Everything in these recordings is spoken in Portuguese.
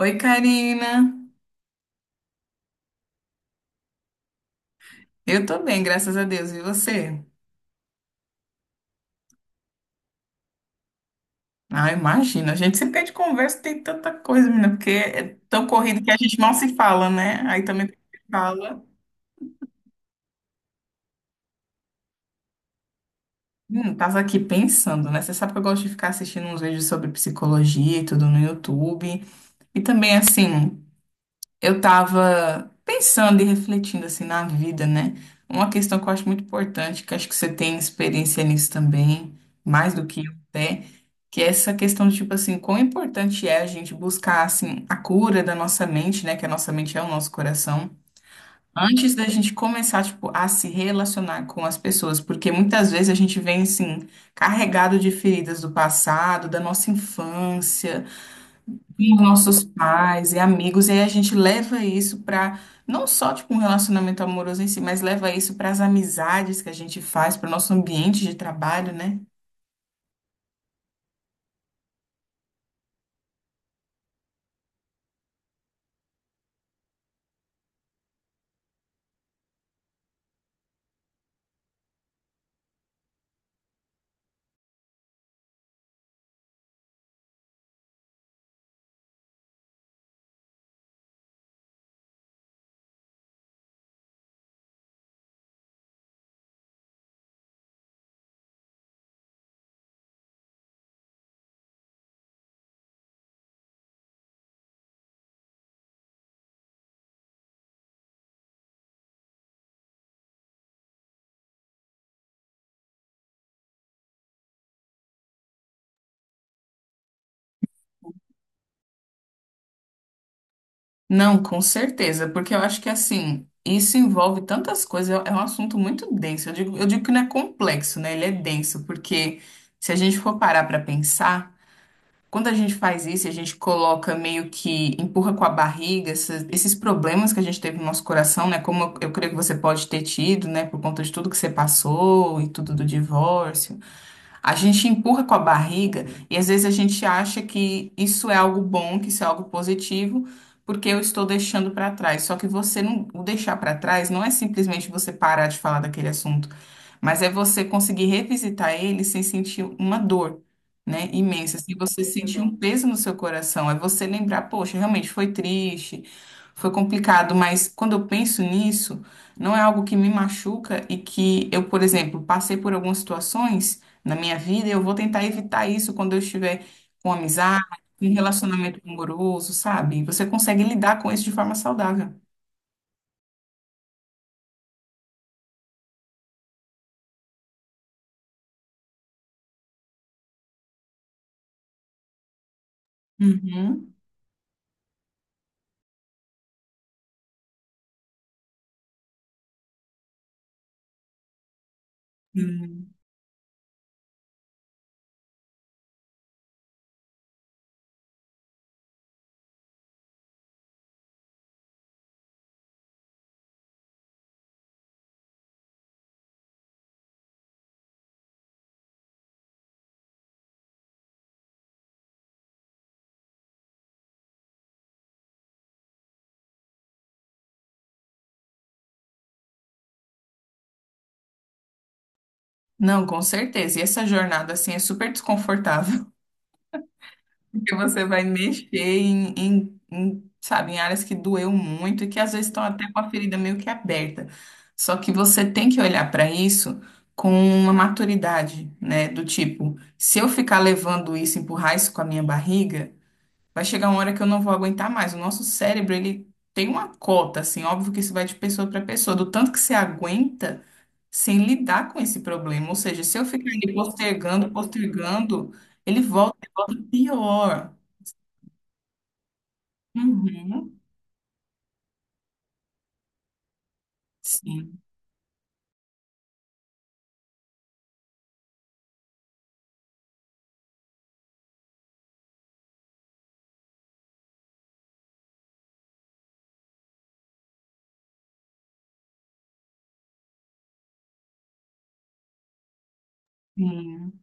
Oi, Karina. Eu tô bem, graças a Deus. E você? Ah, imagina. A gente se perde conversa, tem tanta coisa, menina, porque é tão corrido que a gente mal se fala, né? Aí também quando se fala. Tava aqui pensando, né? Você sabe que eu gosto de ficar assistindo uns vídeos sobre psicologia e tudo no YouTube. E também, assim. Eu tava pensando e refletindo assim na vida, né? Uma questão que eu acho muito importante, que eu acho que você tem experiência nisso também, mais do que eu até, que é essa questão de tipo assim, quão importante é a gente buscar assim a cura da nossa mente, né? Que a nossa mente é o nosso coração. Antes da gente começar, tipo, a se relacionar com as pessoas, porque muitas vezes a gente vem, assim, carregado de feridas do passado, da nossa infância, com nossos pais e amigos, e aí a gente leva isso para não só tipo um relacionamento amoroso em si, mas leva isso para as amizades que a gente faz, para o nosso ambiente de trabalho, né? Não, com certeza, porque eu acho que assim, isso envolve tantas coisas, é um assunto muito denso. Eu digo que não é complexo, né? Ele é denso, porque se a gente for parar para pensar, quando a gente faz isso, a gente coloca meio que empurra com a barriga esses problemas que a gente teve no nosso coração, né? Como eu creio que você pode ter tido, né? Por conta de tudo que você passou e tudo do divórcio. A gente empurra com a barriga e às vezes a gente acha que isso é algo bom, que isso é algo positivo, porque eu estou deixando para trás. Só que você não, o deixar para trás não é simplesmente você parar de falar daquele assunto. Mas é você conseguir revisitar ele sem sentir uma dor, né, imensa, sem você sentir um peso no seu coração. É você lembrar, poxa, realmente foi triste, foi complicado, mas quando eu penso nisso, não é algo que me machuca e que eu, por exemplo, passei por algumas situações na minha vida e eu vou tentar evitar isso quando eu estiver com amizade, em relacionamento amoroso, sabe? Você consegue lidar com isso de forma saudável. Uhum. Não, com certeza. E essa jornada, assim, é super desconfortável, porque você vai mexer em, sabe, em áreas que doeu muito e que às vezes estão até com a ferida meio que aberta. Só que você tem que olhar para isso com uma maturidade, né? Do tipo, se eu ficar levando isso, empurrar isso com a minha barriga, vai chegar uma hora que eu não vou aguentar mais. O nosso cérebro, ele tem uma cota, assim, óbvio que isso vai de pessoa para pessoa, do tanto que você aguenta sem lidar com esse problema. Ou seja, se eu ficar ali postergando, ele volta e volta pior. Uhum. Sim. Sim.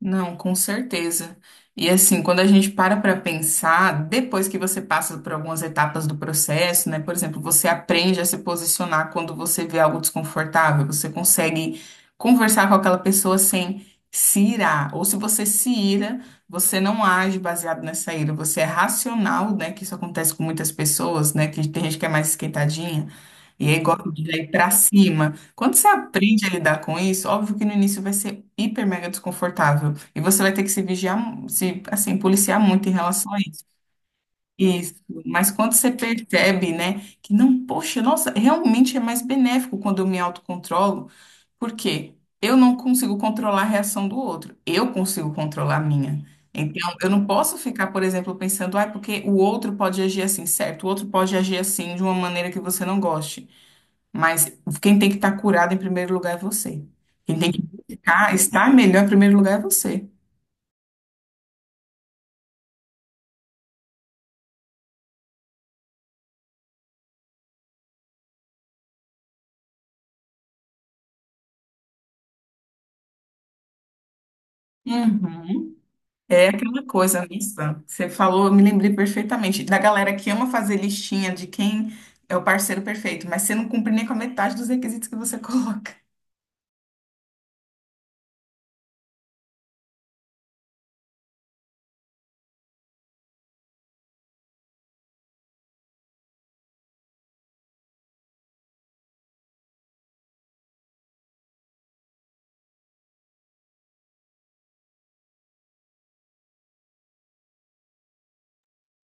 Não, com certeza. E assim, quando a gente para pensar, depois que você passa por algumas etapas do processo, né? Por exemplo, você aprende a se posicionar quando você vê algo desconfortável, você consegue conversar com aquela pessoa sem se irar. Ou se você se ira, você não age baseado nessa ira, você é racional, né? Que isso acontece com muitas pessoas, né? Que tem gente que é mais esquentadinha e aí gosta de ir pra cima. Quando você aprende a lidar com isso, óbvio que no início vai ser hiper mega desconfortável. E você vai ter que se vigiar, se, assim, policiar muito em relação a isso. Isso. Mas quando você percebe, né, que não, poxa, nossa, realmente é mais benéfico quando eu me autocontrolo, porque eu não consigo controlar a reação do outro, eu consigo controlar a minha. Então, eu não posso ficar, por exemplo, pensando, ah, porque o outro pode agir assim, certo? O outro pode agir assim de uma maneira que você não goste. Mas quem tem que estar curado em primeiro lugar é você. Quem tem que ficar, estar melhor em primeiro lugar é você. Uhum. É aquela coisa, Nissa. Você falou, eu me lembrei perfeitamente da galera que ama fazer listinha de quem é o parceiro perfeito, mas você não cumpre nem com a metade dos requisitos que você coloca.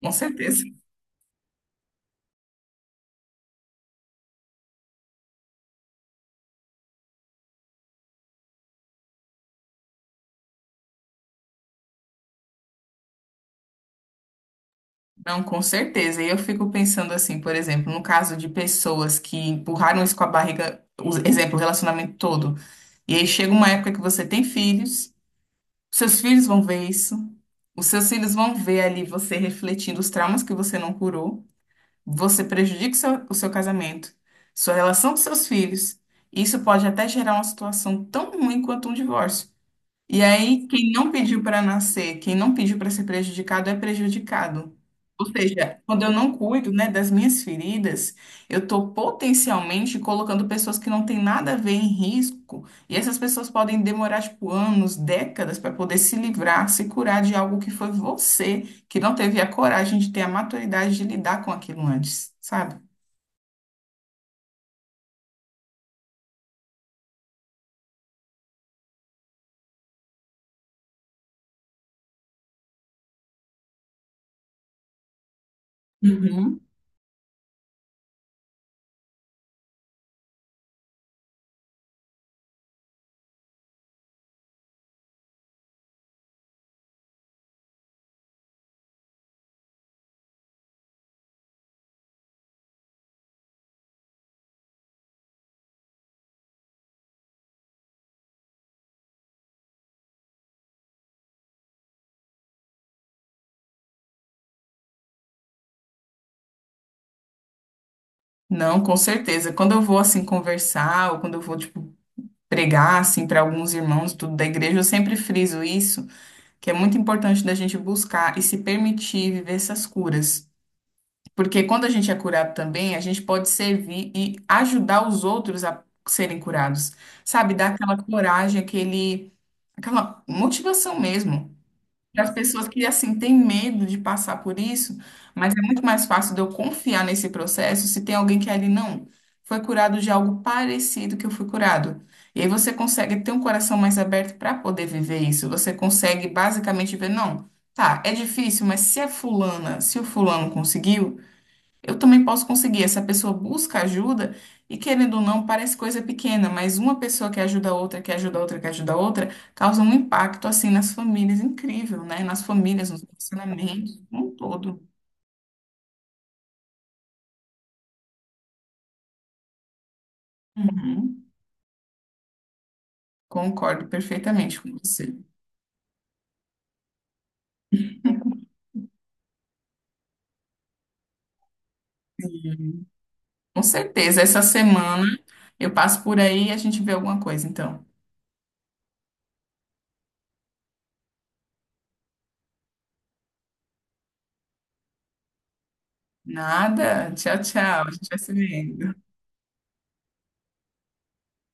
Com certeza. Não, com certeza. E eu fico pensando assim, por exemplo, no caso de pessoas que empurraram isso com a barriga, o exemplo, o relacionamento todo. E aí chega uma época que você tem filhos. Seus filhos vão ver isso. Os seus filhos vão ver ali você refletindo os traumas que você não curou. Você prejudica o seu casamento, sua relação com seus filhos. Isso pode até gerar uma situação tão ruim quanto um divórcio. E aí, quem não pediu para nascer, quem não pediu para ser prejudicado, é prejudicado. Ou seja, quando eu não cuido, né, das minhas feridas, eu estou potencialmente colocando pessoas que não têm nada a ver em risco. E essas pessoas podem demorar, tipo, anos, décadas para poder se livrar, se curar de algo que foi você, que não teve a coragem de ter a maturidade de lidar com aquilo antes, sabe? Uhum. Não, com certeza. Quando eu vou assim conversar, ou quando eu vou, tipo, pregar assim para alguns irmãos tudo da igreja, eu sempre friso isso, que é muito importante da gente buscar e se permitir viver essas curas. Porque quando a gente é curado também, a gente pode servir e ajudar os outros a serem curados. Sabe, dar aquela coragem, aquele aquela motivação mesmo para as pessoas que, assim, têm medo de passar por isso, mas é muito mais fácil de eu confiar nesse processo se tem alguém que é ali não foi curado de algo parecido que eu fui curado. E aí você consegue ter um coração mais aberto para poder viver isso. Você consegue basicamente ver, não, tá, é difícil, mas se a fulana, se o fulano conseguiu. Eu também posso conseguir. Essa pessoa busca ajuda e, querendo ou não, parece coisa pequena, mas uma pessoa que ajuda a outra, que ajuda a outra, que ajuda a outra, causa um impacto assim nas famílias incrível, né? Nas famílias, nos relacionamentos, como um todo. Uhum. Concordo perfeitamente com você. Uhum. Com certeza. Essa semana eu passo por aí e a gente vê alguma coisa, então. Nada. Tchau, tchau. A gente vai se vendo.